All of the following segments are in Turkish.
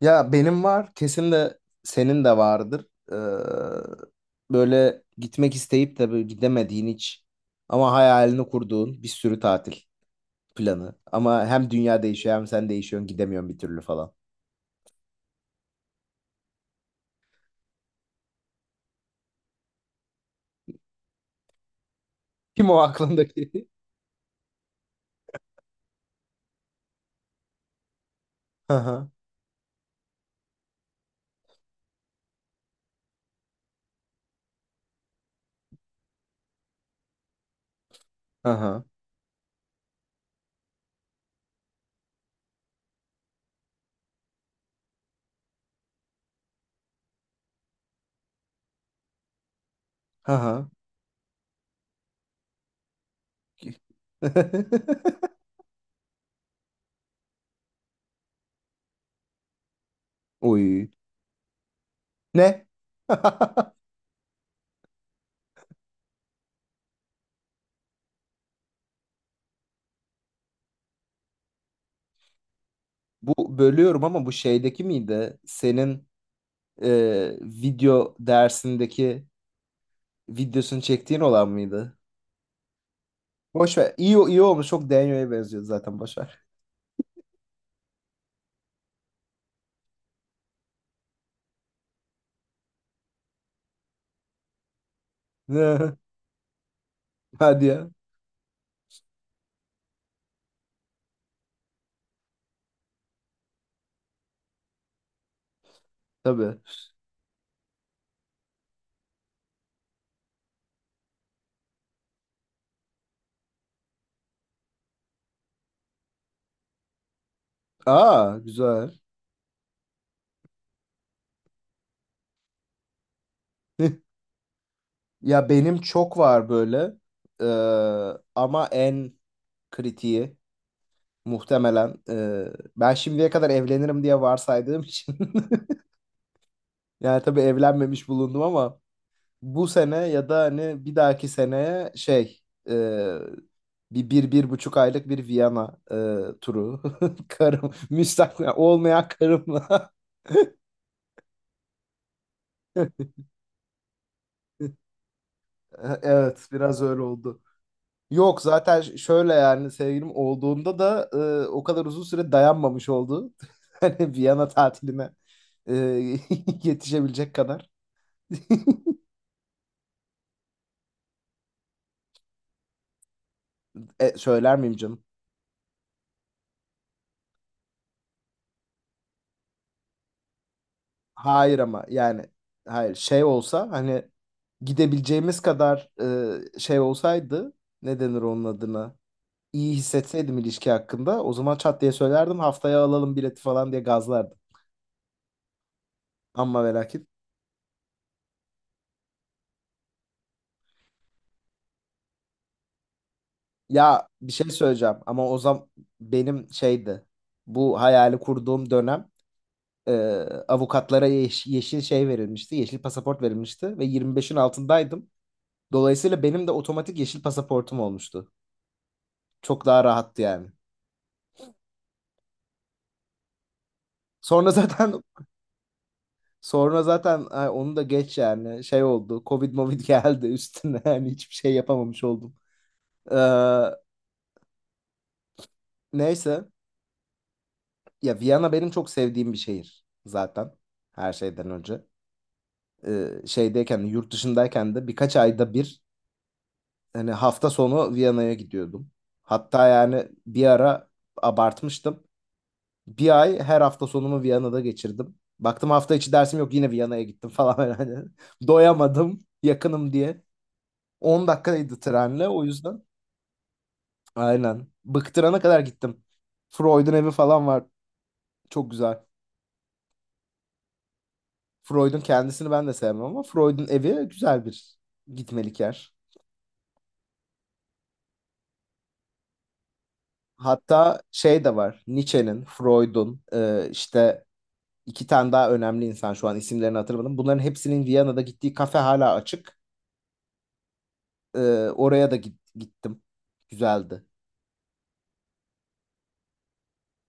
Ya benim var, kesin de senin de vardır. Ee, böyle gitmek isteyip de böyle gidemediğin hiç ama hayalini kurduğun bir sürü tatil planı. Ama hem dünya değişiyor hem sen değişiyorsun gidemiyorsun bir türlü falan. Kim o aklındaki? Hı hı. Hı hı. Hı hı. Uy. Ne? Bu bölüyorum ama bu şeydeki miydi? Senin video dersindeki videosunu çektiğin olan mıydı? Boş ver. İyi, iyi olmuş. Çok Daniel'e benziyor zaten. Boş ver. Hadi ya. Tabii. Aa güzel. Ya benim çok var böyle. Ee, ama en kritiği muhtemelen ben şimdiye kadar evlenirim diye varsaydığım için yani tabii evlenmemiş bulundum ama bu sene ya da hani bir dahaki seneye şey e, bir buçuk aylık bir Viyana turu karım müstakil olmayan karımla Evet, biraz öyle oldu. Yok zaten şöyle yani sevgilim olduğunda da o kadar uzun süre dayanmamış oldu. Hani Viyana tatiline e, yetişebilecek kadar. Söyler miyim canım? Hayır ama yani hayır şey olsa hani gidebileceğimiz kadar şey olsaydı ne denir onun adına? İyi hissetseydim ilişki hakkında o zaman çat diye söylerdim haftaya alalım bileti falan diye gazlardım. Ama ve lakin. Ya bir şey söyleyeceğim ama o zaman benim şeydi. Bu hayali kurduğum dönem, e, avukatlara yeşil şey verilmişti. Yeşil pasaport verilmişti ve 25'in altındaydım. Dolayısıyla benim de otomatik yeşil pasaportum olmuştu. Çok daha rahattı yani. Sonra zaten sonra zaten ay, onu da geç yani şey oldu. Covid movid geldi üstüne yani hiçbir şey yapamamış oldum. Ee, neyse ya Viyana benim çok sevdiğim bir şehir zaten her şeyden önce. Şeydeyken de, yurt dışındayken de birkaç ayda bir hani hafta sonu Viyana'ya gidiyordum. Hatta yani bir ara abartmıştım. Bir ay her hafta sonumu Viyana'da geçirdim. Baktım hafta içi dersim yok yine Viyana'ya gittim falan hani. Doyamadım yakınım diye. 10 dakikaydı trenle o yüzden. Aynen. Bıktırana kadar gittim. Freud'un evi falan var. Çok güzel. Freud'un kendisini ben de sevmem ama Freud'un evi güzel bir gitmelik yer. Hatta şey de var. Nietzsche'nin, Freud'un işte iki tane daha önemli insan şu an isimlerini hatırlamadım. Bunların hepsinin Viyana'da gittiği kafe hala açık. E, oraya da gittim. Güzeldi.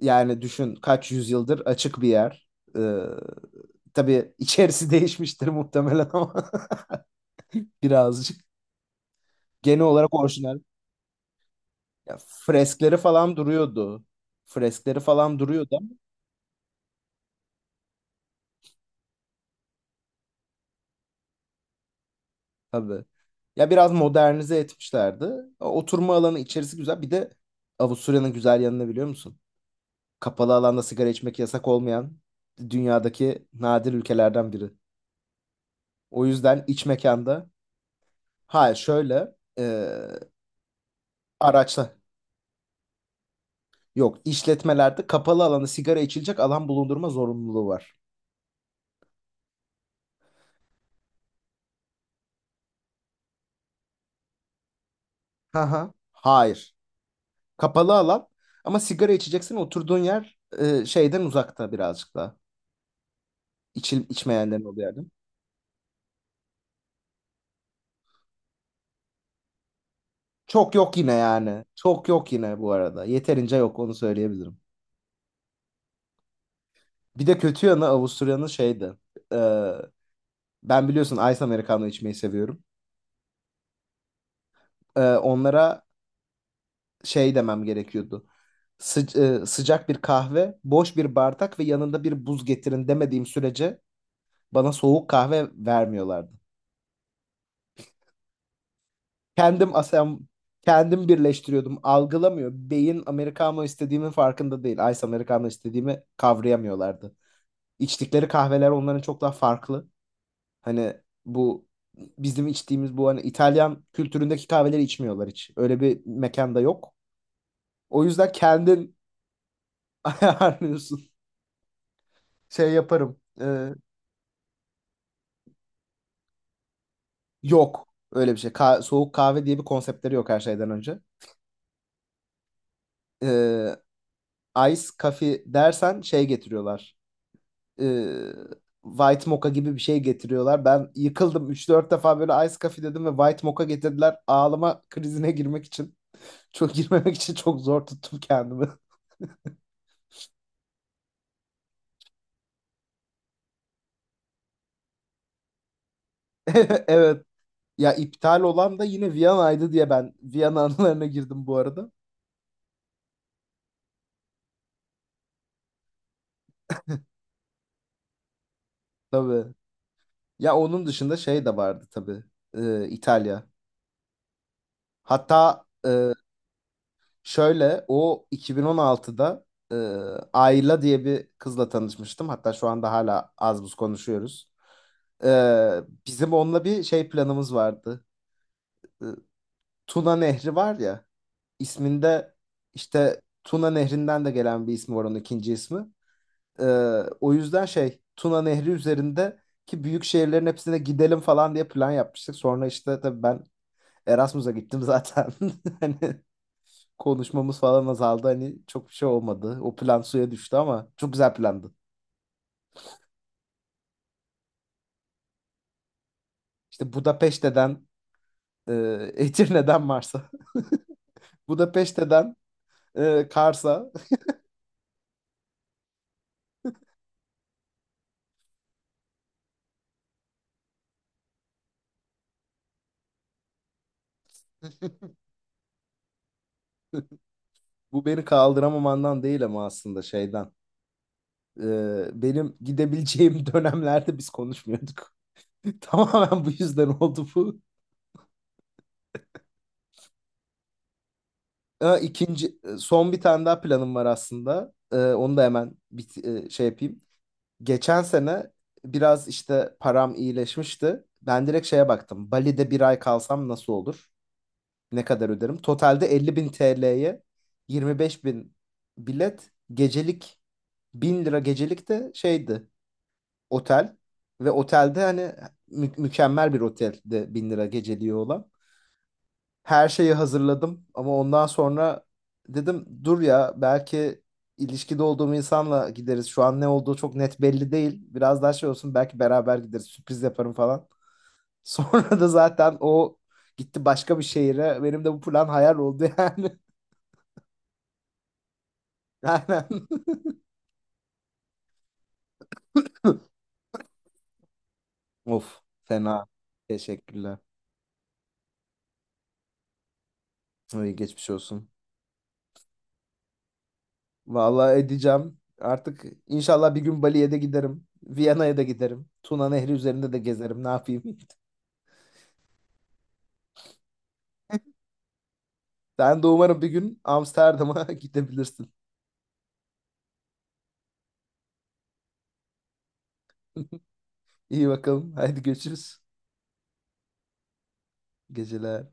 Yani düşün kaç yüzyıldır açık bir yer. E, tabii içerisi değişmiştir muhtemelen ama birazcık. Genel olarak orijinal. Ya, freskleri falan duruyordu. Freskleri falan duruyordu. Tabii. Ya biraz modernize etmişlerdi. O oturma alanı içerisi güzel. Bir de Avusturya'nın güzel yanını biliyor musun? Kapalı alanda sigara içmek yasak olmayan dünyadaki nadir ülkelerden biri. O yüzden iç mekanda hayır şöyle araçla yok işletmelerde kapalı alanda sigara içilecek alan bulundurma zorunluluğu var. Ha ha. Hayır. Kapalı alan ama sigara içeceksin oturduğun yer şeyden uzakta birazcık da. İçmeyenlerin olduğu yerde. Çok yok yine yani. Çok yok yine bu arada. Yeterince yok onu söyleyebilirim. Bir de kötü yanı Avusturya'nın şeydi. Ee, ben biliyorsun Ice Americano içmeyi seviyorum. Onlara şey demem gerekiyordu. Sıcak bir kahve, boş bir bardak ve yanında bir buz getirin demediğim sürece bana soğuk kahve vermiyorlardı. Kendim asem kendim birleştiriyordum. Algılamıyor. Beyin Americano istediğimin farkında değil. Ice Americano istediğimi kavrayamıyorlardı. İçtikleri kahveler onların çok daha farklı. Hani bu bizim içtiğimiz bu hani İtalyan kültüründeki kahveleri içmiyorlar hiç. Öyle bir mekanda yok. O yüzden kendin ayarlıyorsun. Şey yaparım. Yok öyle bir şey. Soğuk kahve diye bir konseptleri yok her şeyden önce. Ee, ice coffee dersen şey getiriyorlar. Ee, White mocha gibi bir şey getiriyorlar. Ben yıkıldım. Üç dört defa böyle ice coffee dedim ve white mocha getirdiler. Ağlama krizine girmek için. Çok girmemek için çok zor tuttum kendimi. Evet. Ya iptal olan da yine Viyana'ydı diye ben Viyana anılarına girdim bu arada. Tabii. Ya onun dışında şey de vardı tabii. İtalya. Hatta e, şöyle o 2016'da e, Ayla diye bir kızla tanışmıştım. Hatta şu anda hala az buz konuşuyoruz. Ee, bizim onunla bir şey planımız vardı. Ee, Tuna Nehri var ya. İsminde işte Tuna Nehri'nden de gelen bir ismi var onun ikinci ismi. Ee, o yüzden şey Tuna Nehri üzerindeki büyük şehirlerin hepsine gidelim falan diye plan yapmıştık. Sonra işte tabii ben Erasmus'a gittim zaten. Hani konuşmamız falan azaldı. Hani çok bir şey olmadı. O plan suya düştü ama çok güzel plandı. İşte Budapeşte'den e, Edirne'den Mars'a. Budapeşte'den Kars'a. Bu beni kaldıramamandan değil ama aslında şeyden. Benim gidebileceğim dönemlerde biz konuşmuyorduk. Tamamen bu yüzden oldu bu. Ha, ikinci son bir tane daha planım var aslında. Onu da hemen şey yapayım. Geçen sene biraz işte param iyileşmişti. Ben direkt şeye baktım. Bali'de bir ay kalsam nasıl olur? Ne kadar öderim? Totalde 50 bin TL'ye, 25 bin bilet, gecelik 1000 lira gecelik de şeydi. Otel ve otelde hani mükemmel bir otelde bin lira geceliği olan. Her şeyi hazırladım ama ondan sonra dedim dur ya belki ilişkide olduğum insanla gideriz. Şu an ne olduğu çok net belli değil. Biraz daha şey olsun belki beraber gideriz sürpriz yaparım falan. Sonra da zaten o gitti başka bir şehire. Benim de bu plan hayal oldu yani. Aynen. Of fena. Teşekkürler. İyi geçmiş olsun. Vallahi edeceğim. Artık inşallah bir gün Bali'ye de giderim. Viyana'ya da giderim. Tuna Nehri üzerinde de gezerim. Ne yapayım? Sen de umarım bir gün Amsterdam'a gidebilirsin. İyi bakalım. Haydi görüşürüz. Geceler.